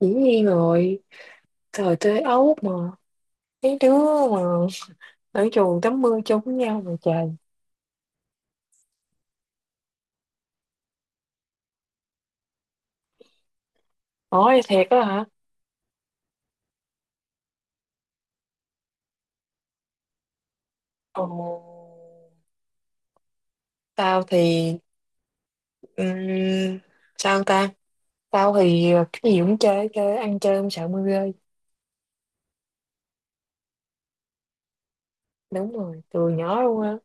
Dĩ nhiên rồi, thời tới Ấu mà. Mấy đứa mà ở trường tắm mưa chung với nhau mà trời. Nói thiệt đó hả? Ồ, tao thì, ừm, sao ta? Tao thì cái gì cũng chơi, chơi ăn chơi không sợ mưa rơi. Đúng rồi, từ nhỏ luôn á.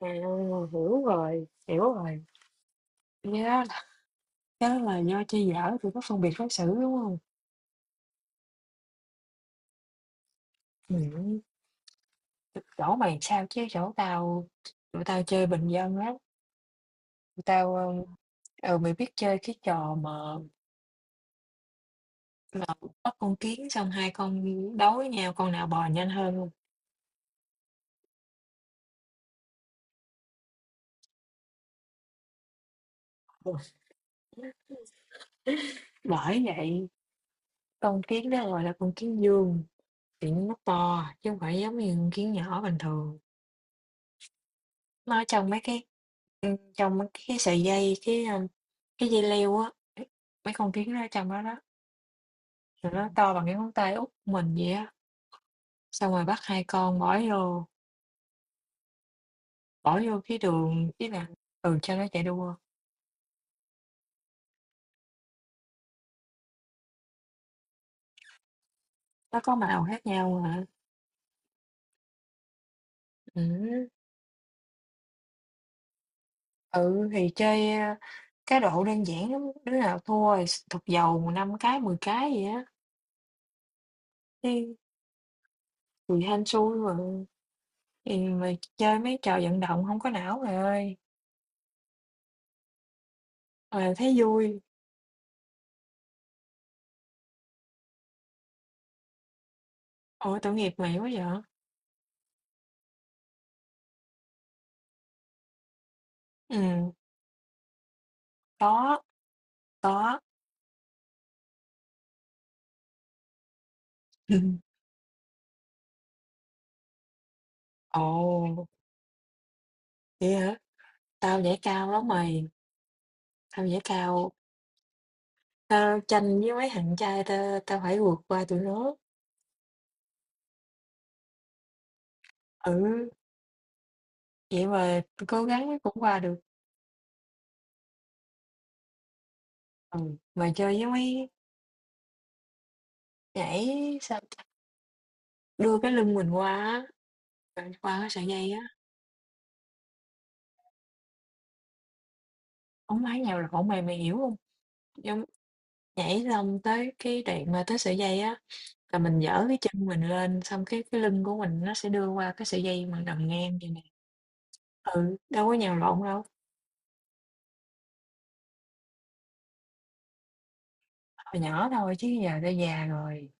À, hiểu rồi, hiểu rồi. Nhớ là, nhớ là do chơi dở tụi nó phân biệt đối xử đúng không? Ừ. Chỗ mày sao chứ chỗ tao. Tụi tao chơi bình dân lắm. Tụi tao Ừ, mày biết chơi cái trò mà bắt con kiến xong hai con đấu với nhau con nào bò nhanh hơn hông? Ừ. Bởi vậy con kiến đó gọi là con kiến vương, thì nó to chứ không phải giống như con kiến nhỏ bình thường. Nó trong mấy cái sợi dây, cái dây leo á, mấy con kiến nó ở trong đó đó, rồi nó to bằng cái ngón tay út của mình vậy á, xong rồi bắt hai con bỏ vô cái đường cái là, ừ, cho nó chạy đua, nó có màu khác nhau hả? Ừm. Ừ, thì cá độ đơn giản lắm, đứa nào thua thì thục dầu 5 cái, 10 cái vậy á, chứ tùy hên xui mà. Thì mà chơi mấy trò vận động không có não rồi ơi, mà thấy vui. Ôi, tội nghiệp mày quá vậy? Ừm, có, có. Ồ, vậy hả? Tao nhảy cao lắm mày, tao nhảy cao, tao tranh với mấy thằng trai tao tao phải vượt qua tụi nó. Ừ, vậy mà cố gắng cũng qua được. Ừ, mà chơi với mấy nhảy sao Đưa cái lưng mình qua á, bạn qua cái sợi dây á, hổng phải nhào lộn mày, mày hiểu hông? Giống nhảy xong tới cái đoạn mà tới sợi dây á, là mình giở cái chân mình lên, xong cái lưng của mình nó sẽ đưa qua cái sợi dây mà nằm ngang vậy nè. Ừ, đâu có nhào lộn đâu, hồi nhỏ thôi chứ giờ đã già rồi.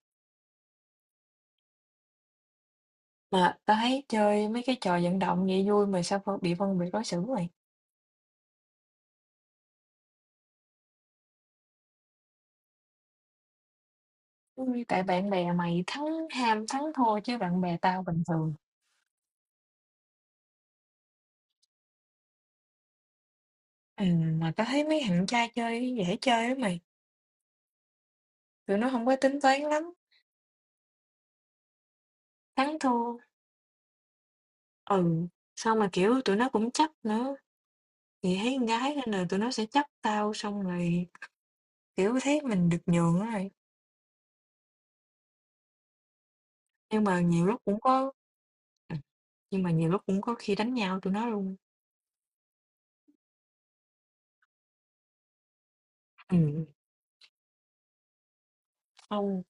Mà tao thấy chơi mấy cái trò vận động vậy vui mà sao phân biệt đối xử vậy? Ôi, tại bạn bè mày thắng ham thắng thua chứ bạn bè tao bình thường. Mà tao thấy mấy thằng trai chơi dễ chơi lắm mày, tụi nó hông có tính toán lắm. Thắng thua, ừ, xong mà, kiểu, tụi nó cũng chấp nữa, thì thấy con gái nên là tụi nó sẽ chấp tao, xong rồi, kiểu, thấy mình được nhường á rồi. Nhưng mà nhiều lúc cũng có ừm, nhưng mà nhiều lúc cũng có khi đánh nhau tụi nó luôn. Ừm, xong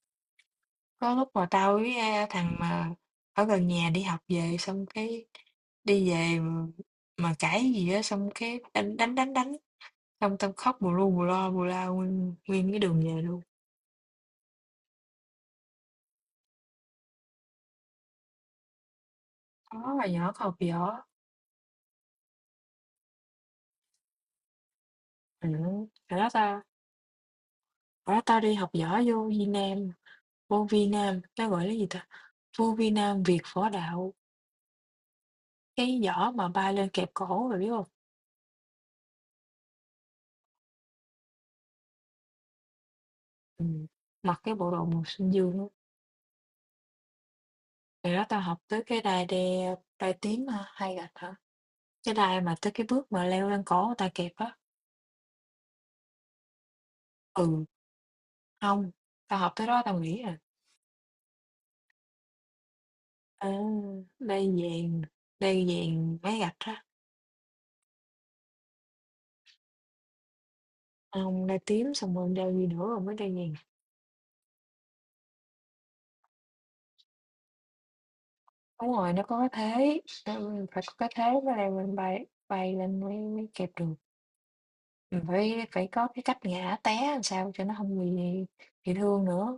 có lúc mà tao với, thằng mà ở gần nhà đi học về, xong cái đi về mà cãi gì á, xong cái đánh đánh, đánh, đánh, xong tao khóc bù lu bù loa, bù la nguyên nguyên cái đường về luôn. Có, hồi nhỏ còn học võ, ừ phải đó tao. Ủa, tao đi học võ vô Việt Nam, vô Vi Nam, nó gọi là gì ta? Vô Vi Nam Việt Võ Đạo, cái võ mà bay lên kẹp cổ rồi biết không? Ừ. Mặc cái bộ đồ màu xanh dương đó. Rồi đó tao học tới cái đai tím hả? Hay gạch hả? Cái đai mà tới cái bước mà leo lên cổ người ta kẹp á. Ừ, không, tao học tới đó tao nghĩ à. À, đai vàng, đai vàng mấy gạch á. Không, đai tím xong rồi đai gì nữa rồi mới đai vàng. Đúng rồi, nó có cái thế, phải có cái thế mới leo mình bay bay lên mới mới kẹp được. Mình phải phải có cái cách ngã té làm sao cho nó hông bị thương nữa.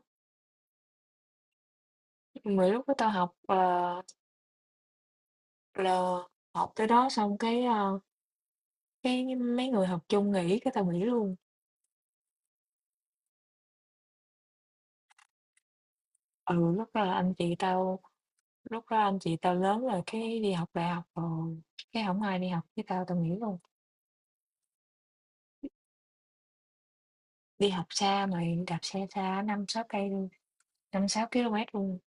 Mà lúc đó tao học, ờ, là học tới đó xong cái mấy người học chung nghỉ cái tao nghỉ luôn. Ừ, lúc đó anh chị tao lớn rồi cái đi học đại học rồi, cái hổng ai đi học với tao, tao nghỉ luôn. Đi học xa mà đạp xe xa 5-6 cây luôn, 5-6 ki-lô-mét luôn.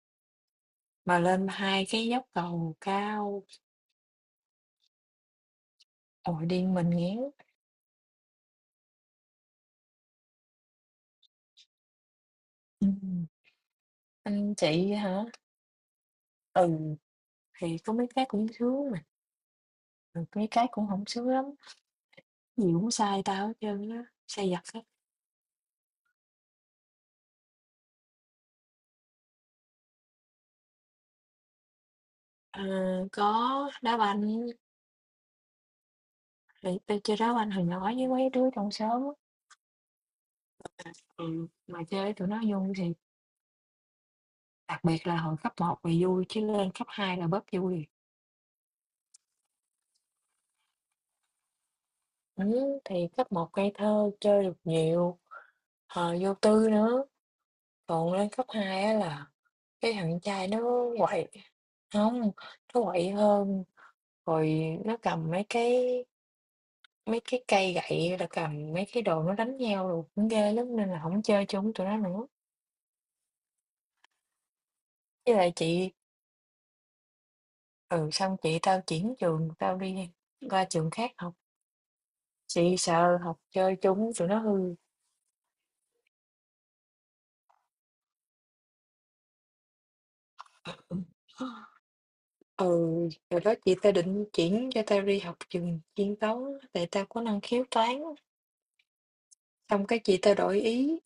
Mà lên 2 cái dốc cầu cao, ồi, điên mình ngéo. Ừm, anh chị hả? Ừ, thì có mấy cái cũng sướng mà, rồi mấy cái cũng không sướng lắm, gì cũng sai tao hết trơn á, sai vặt hết. Ờ, có đá banh, thì tao chơi đá banh hồi nhỏ với mấy đứa trong xóm á, ừ, mà chơi với tụi nó vui thì đặc biệt là hồi cấp một là vui chứ lên cấp 2 là bớt vui. Ừm, thì cấp một ngây thơ, chơi được nhiều, vô tư nữa, còn lên cấp 2 á là cái thằng trai nó quậy. Không, nó quậy hơn, rồi nó cầm mấy cái cây gậy, là cầm mấy cái đồ nó đánh nhau đồ cũng ghê lắm nên là không chơi chung tụi nó nữa. Với lại chị ừ, xong chị tao chuyển trường, tao đi qua trường khác học, chị sợ học chơi chung tụi nó hư. Ừ, rồi đó chị tao định chuyển cho tao đi học trường chuyên toán tại tao có năng khiếu toán, xong cái chị tao đổi ý.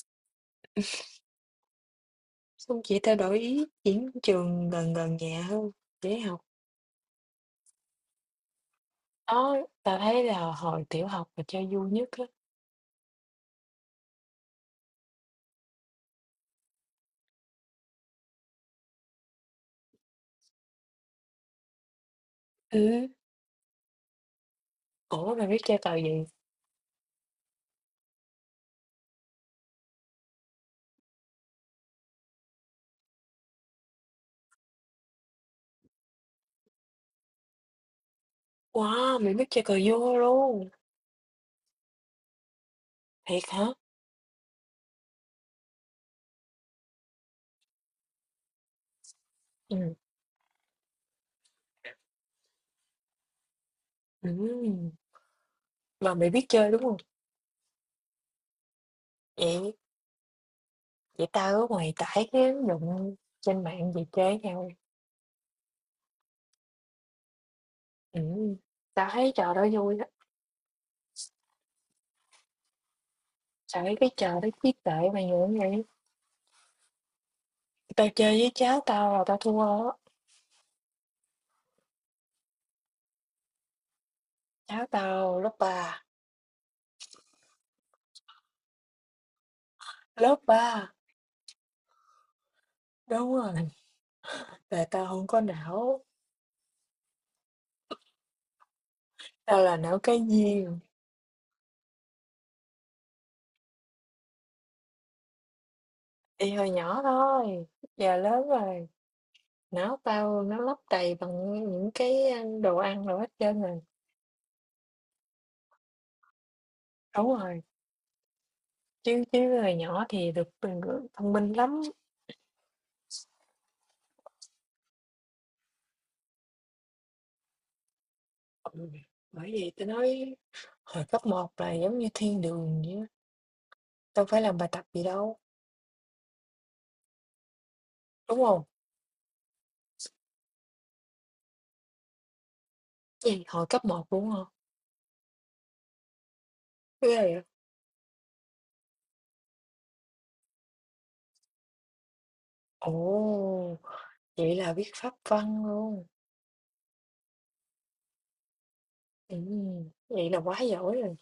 Xong chị ta đổi ý chuyển trường gần gần nhà hơn để học. Đó, tao thấy là hồi tiểu học mà chơi vui nhất á. Ừ. Ủa mày biết chơi cờ gì? Wow, mày biết chơi cờ vua luôn. Thiệt hả? Ừ. Ừ. Mà mày biết chơi đúng không? Vậy Vậy tao ở ngoài tải cái ứng dụng trên mạng về chơi với nhau. Ừ. Tao thấy trò đó vui á. Tao thấy cái trò đó trí tuệ mà nhiều như vậy. Tao chơi với cháu tao là tao thua á. Cháu tao lớp ba. Lớp ba. Đúng rồi. Là tao không có não, tao là não cái duyên, y hồi nhỏ thôi, giờ lớn rồi, não tao nó lấp đầy bằng những cái, đồ ăn rồi hết trơn rồi. Đúng rồi, chứ chứ hồi nhỏ thì được bình gượng thông minh lắm. Ừ, bởi vì tao nói hồi cấp một là giống như thiên đường vậy á, đâu phải làm bài tập gì đâu, đúng không? Gì, hồi cấp một đúng không? Ghê vậy? Ồ, vậy là biết pháp văn luôn, vậy là quá giỏi rồi.